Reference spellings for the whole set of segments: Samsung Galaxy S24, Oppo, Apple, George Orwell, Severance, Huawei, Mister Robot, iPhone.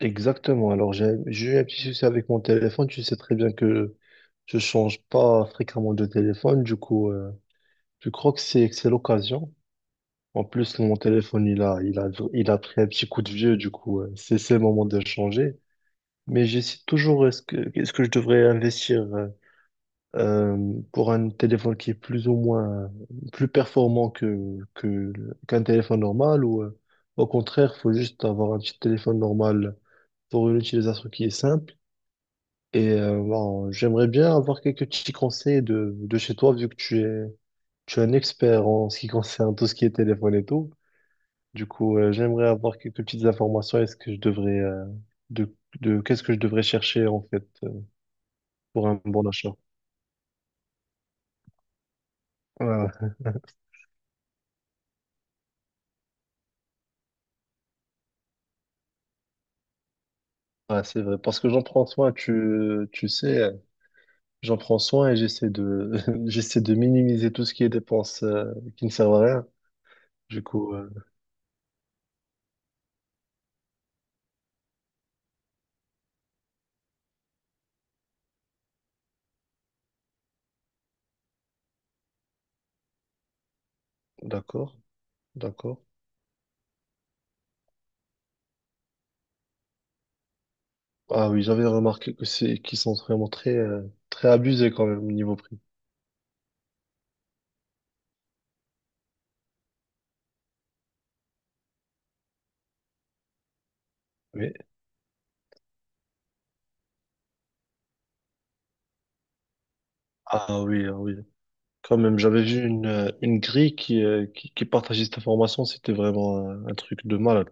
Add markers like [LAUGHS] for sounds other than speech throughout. Exactement. Alors, j'ai eu un petit souci avec mon téléphone. Tu sais très bien que je change pas fréquemment de téléphone. Du coup, je crois que c'est l'occasion. En plus, mon téléphone, il a pris un petit coup de vieux. Du coup, c'est le moment de le changer. Mais j'hésite toujours, est-ce que je devrais investir pour un téléphone qui est plus ou moins plus performant qu'un téléphone normal ou au contraire, faut juste avoir un petit téléphone normal pour une utilisation qui est simple. Et bon, j'aimerais bien avoir quelques petits conseils de chez toi, vu que tu es un expert en ce qui concerne tout ce qui est téléphone et tout. Du coup, j'aimerais avoir quelques petites informations. Est-ce que je devrais, de, qu'est-ce que je devrais chercher, en fait, pour un bon achat? Ouais, ouais. Ouais, c'est vrai. Parce que j'en prends soin, tu sais, j'en prends soin et j'essaie de, [LAUGHS] j'essaie de minimiser tout ce qui est dépenses, qui ne servent à rien. Du coup, d'accord, d'accord. Ah oui, j'avais remarqué que c'est qu'ils sont vraiment très très abusés quand même au niveau prix. Oui. Ah oui, ah oui. Quand même, j'avais vu une grille qui qui partageait cette information, c'était vraiment un truc de malade.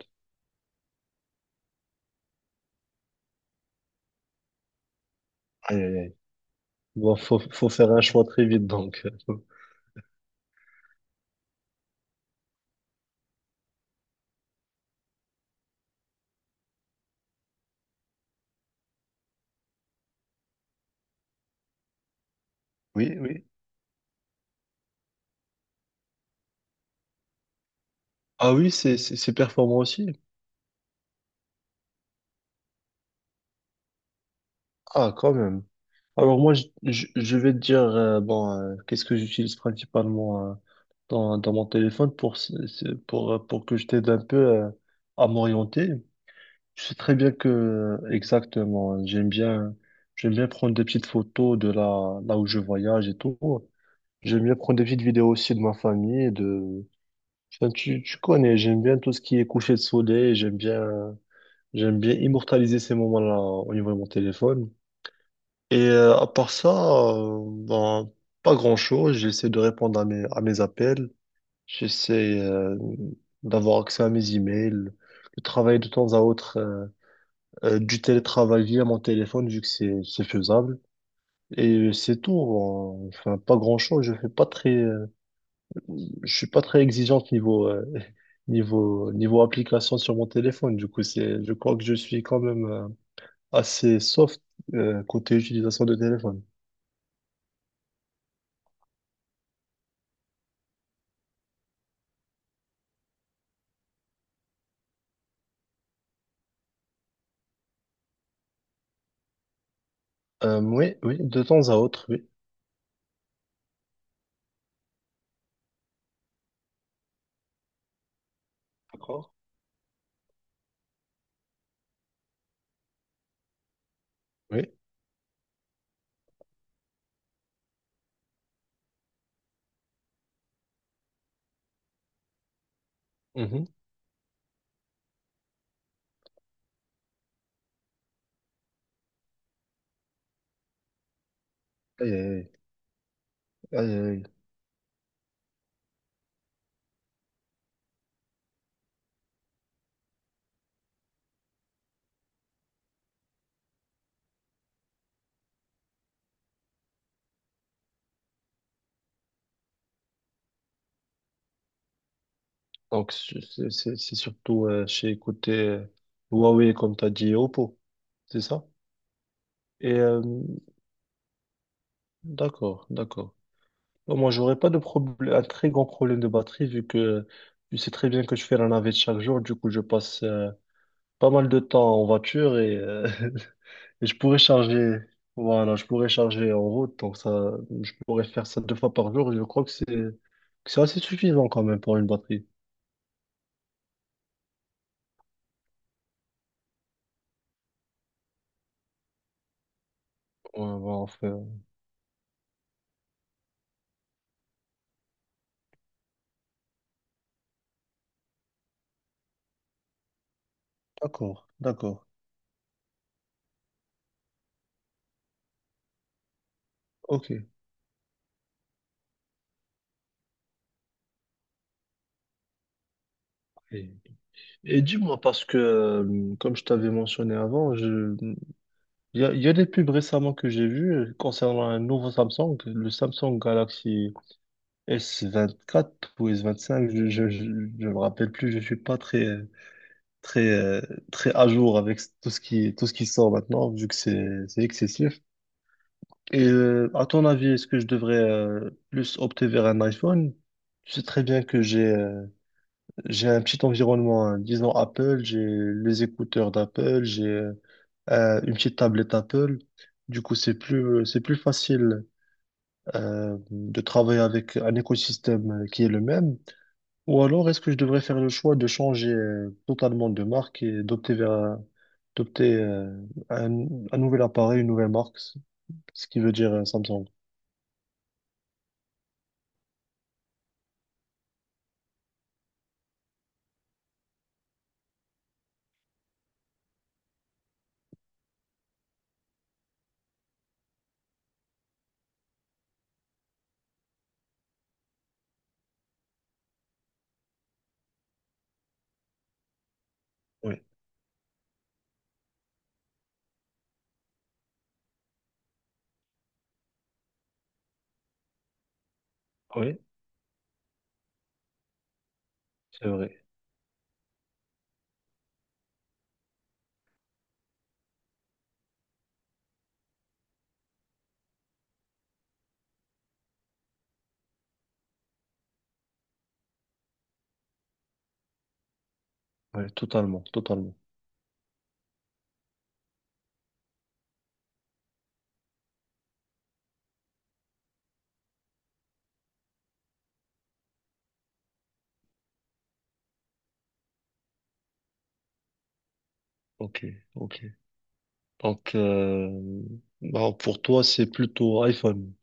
Aïe aïe aïe. Bon, faut faire un choix très vite donc. euh, Oui, oui. Ah oui, c'est performant aussi. Ah quand même. Alors moi je vais te dire bon qu'est-ce que j'utilise principalement dans mon téléphone pour pour que je t'aide un peu à m'orienter. Je sais très bien que, exactement, j'aime bien prendre des petites photos là où je voyage et tout. J'aime bien prendre des petites vidéos aussi de ma famille, enfin, tu connais, j'aime bien tout ce qui est coucher de soleil, j'aime bien immortaliser ces moments-là au niveau de mon téléphone. Et à part ça, euh, ben, pas grand-chose, j'essaie de répondre à mes appels, j'essaie d'avoir accès à mes emails, de travailler de temps à autre. Du télétravail via mon téléphone, vu que c'est faisable. Et c'est tout. Enfin, pas grand-chose. Je fais pas très, je suis pas très exigeant niveau [LAUGHS] niveau application sur mon téléphone. Du coup, je crois que je suis quand même assez soft côté utilisation de téléphone. Oui, oui, de temps à autre, oui. D'accord. Oui. Mhm. Aïe, aïe, aïe, aïe, aïe. Donc, c'est surtout chez côté Huawei, comme tu as dit, et Oppo, c'est ça? Et d'accord, d'accord. Bon, moi, j'aurais pas de problème, un très grand problème de batterie vu que tu sais très bien que je fais la navette chaque jour. Du coup, je passe pas mal de temps en voiture et, [LAUGHS] et je pourrais charger. Voilà, je pourrais charger en route. Donc ça, je pourrais faire ça deux fois par jour. Je crois que c'est assez suffisant quand même pour une batterie. Ouais, ouais, enfin, d'accord, d'accord. Ok. Et, et dis-moi parce que comme je t'avais mentionné avant, je il y a, il y a des pubs récemment que j'ai vues concernant un nouveau Samsung, le Samsung Galaxy S24 ou S25, je me rappelle plus, je suis pas très, très, très à jour avec tout ce qui sort maintenant, vu que c'est excessif. Et à ton avis, est-ce que je devrais plus opter vers un iPhone? Tu sais très bien que j'ai un petit environnement, hein, disons Apple, j'ai les écouteurs d'Apple, j'ai une petite tablette Apple. Du coup, c'est plus facile de travailler avec un écosystème qui est le même. Ou alors, est-ce que je devrais faire le choix de changer totalement de marque et d'opter vers d'opter euh, un, un nouvel appareil, une nouvelle marque, ce qui veut dire Samsung. Oui, oui, c'est vrai. Oui, totalement, totalement. Ok, ok. Donc, bon, pour toi, c'est plutôt iPhone.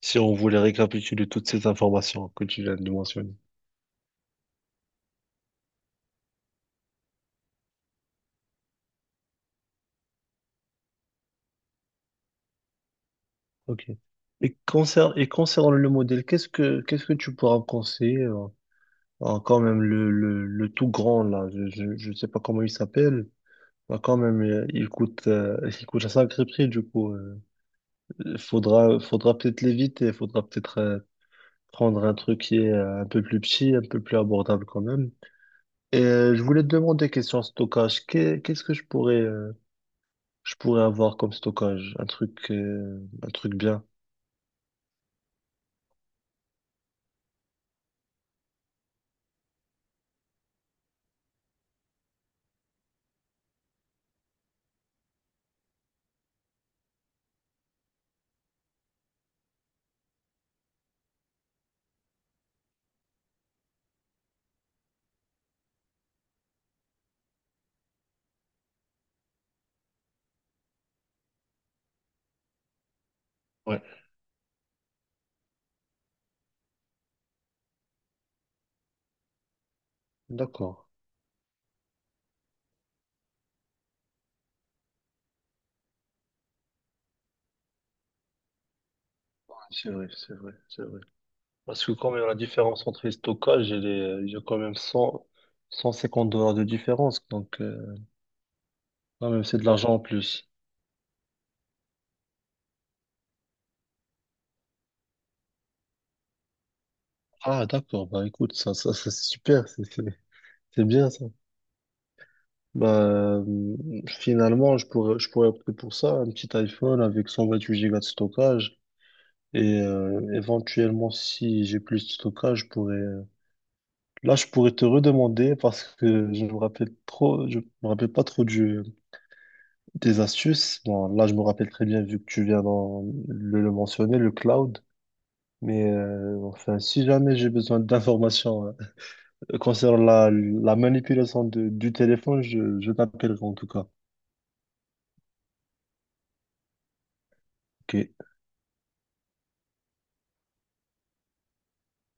Si on voulait récapituler toutes ces informations que tu viens de mentionner. Ok. Et concernant le modèle, qu'est-ce que tu pourras me conseiller? Ah, quand même, le tout grand, là, je sais pas comment il s'appelle. Ah, quand même, il coûte un sacré prix, du coup. Faudra, faudra peut-être l'éviter, faudra peut-être prendre un truc qui est un peu plus petit, un peu plus abordable quand même. Et je voulais te demander, question stockage, qu'est-ce que je pourrais avoir comme stockage? Un truc bien. Ouais. D'accord. Ouais, c'est vrai, c'est vrai, c'est vrai. Parce que quand même, la différence entre les stockages, il y a quand même 100, 150 dollars de différence. Donc, quand même, c'est de l'argent en plus. Ah, d'accord. Bah, écoute, ça, c'est super. C'est bien, ça. Bah, finalement, je pourrais opter pour ça. Un petit iPhone avec 128 gigas de stockage. Et éventuellement, si j'ai plus de stockage, là, je pourrais te redemander parce que je me rappelle pas trop des astuces, bon, là je me rappelle très bien vu que tu viens de le mentionner, le cloud. Mais enfin, si jamais j'ai besoin d'informations concernant la manipulation du téléphone, je t'appellerai en tout cas. Ok.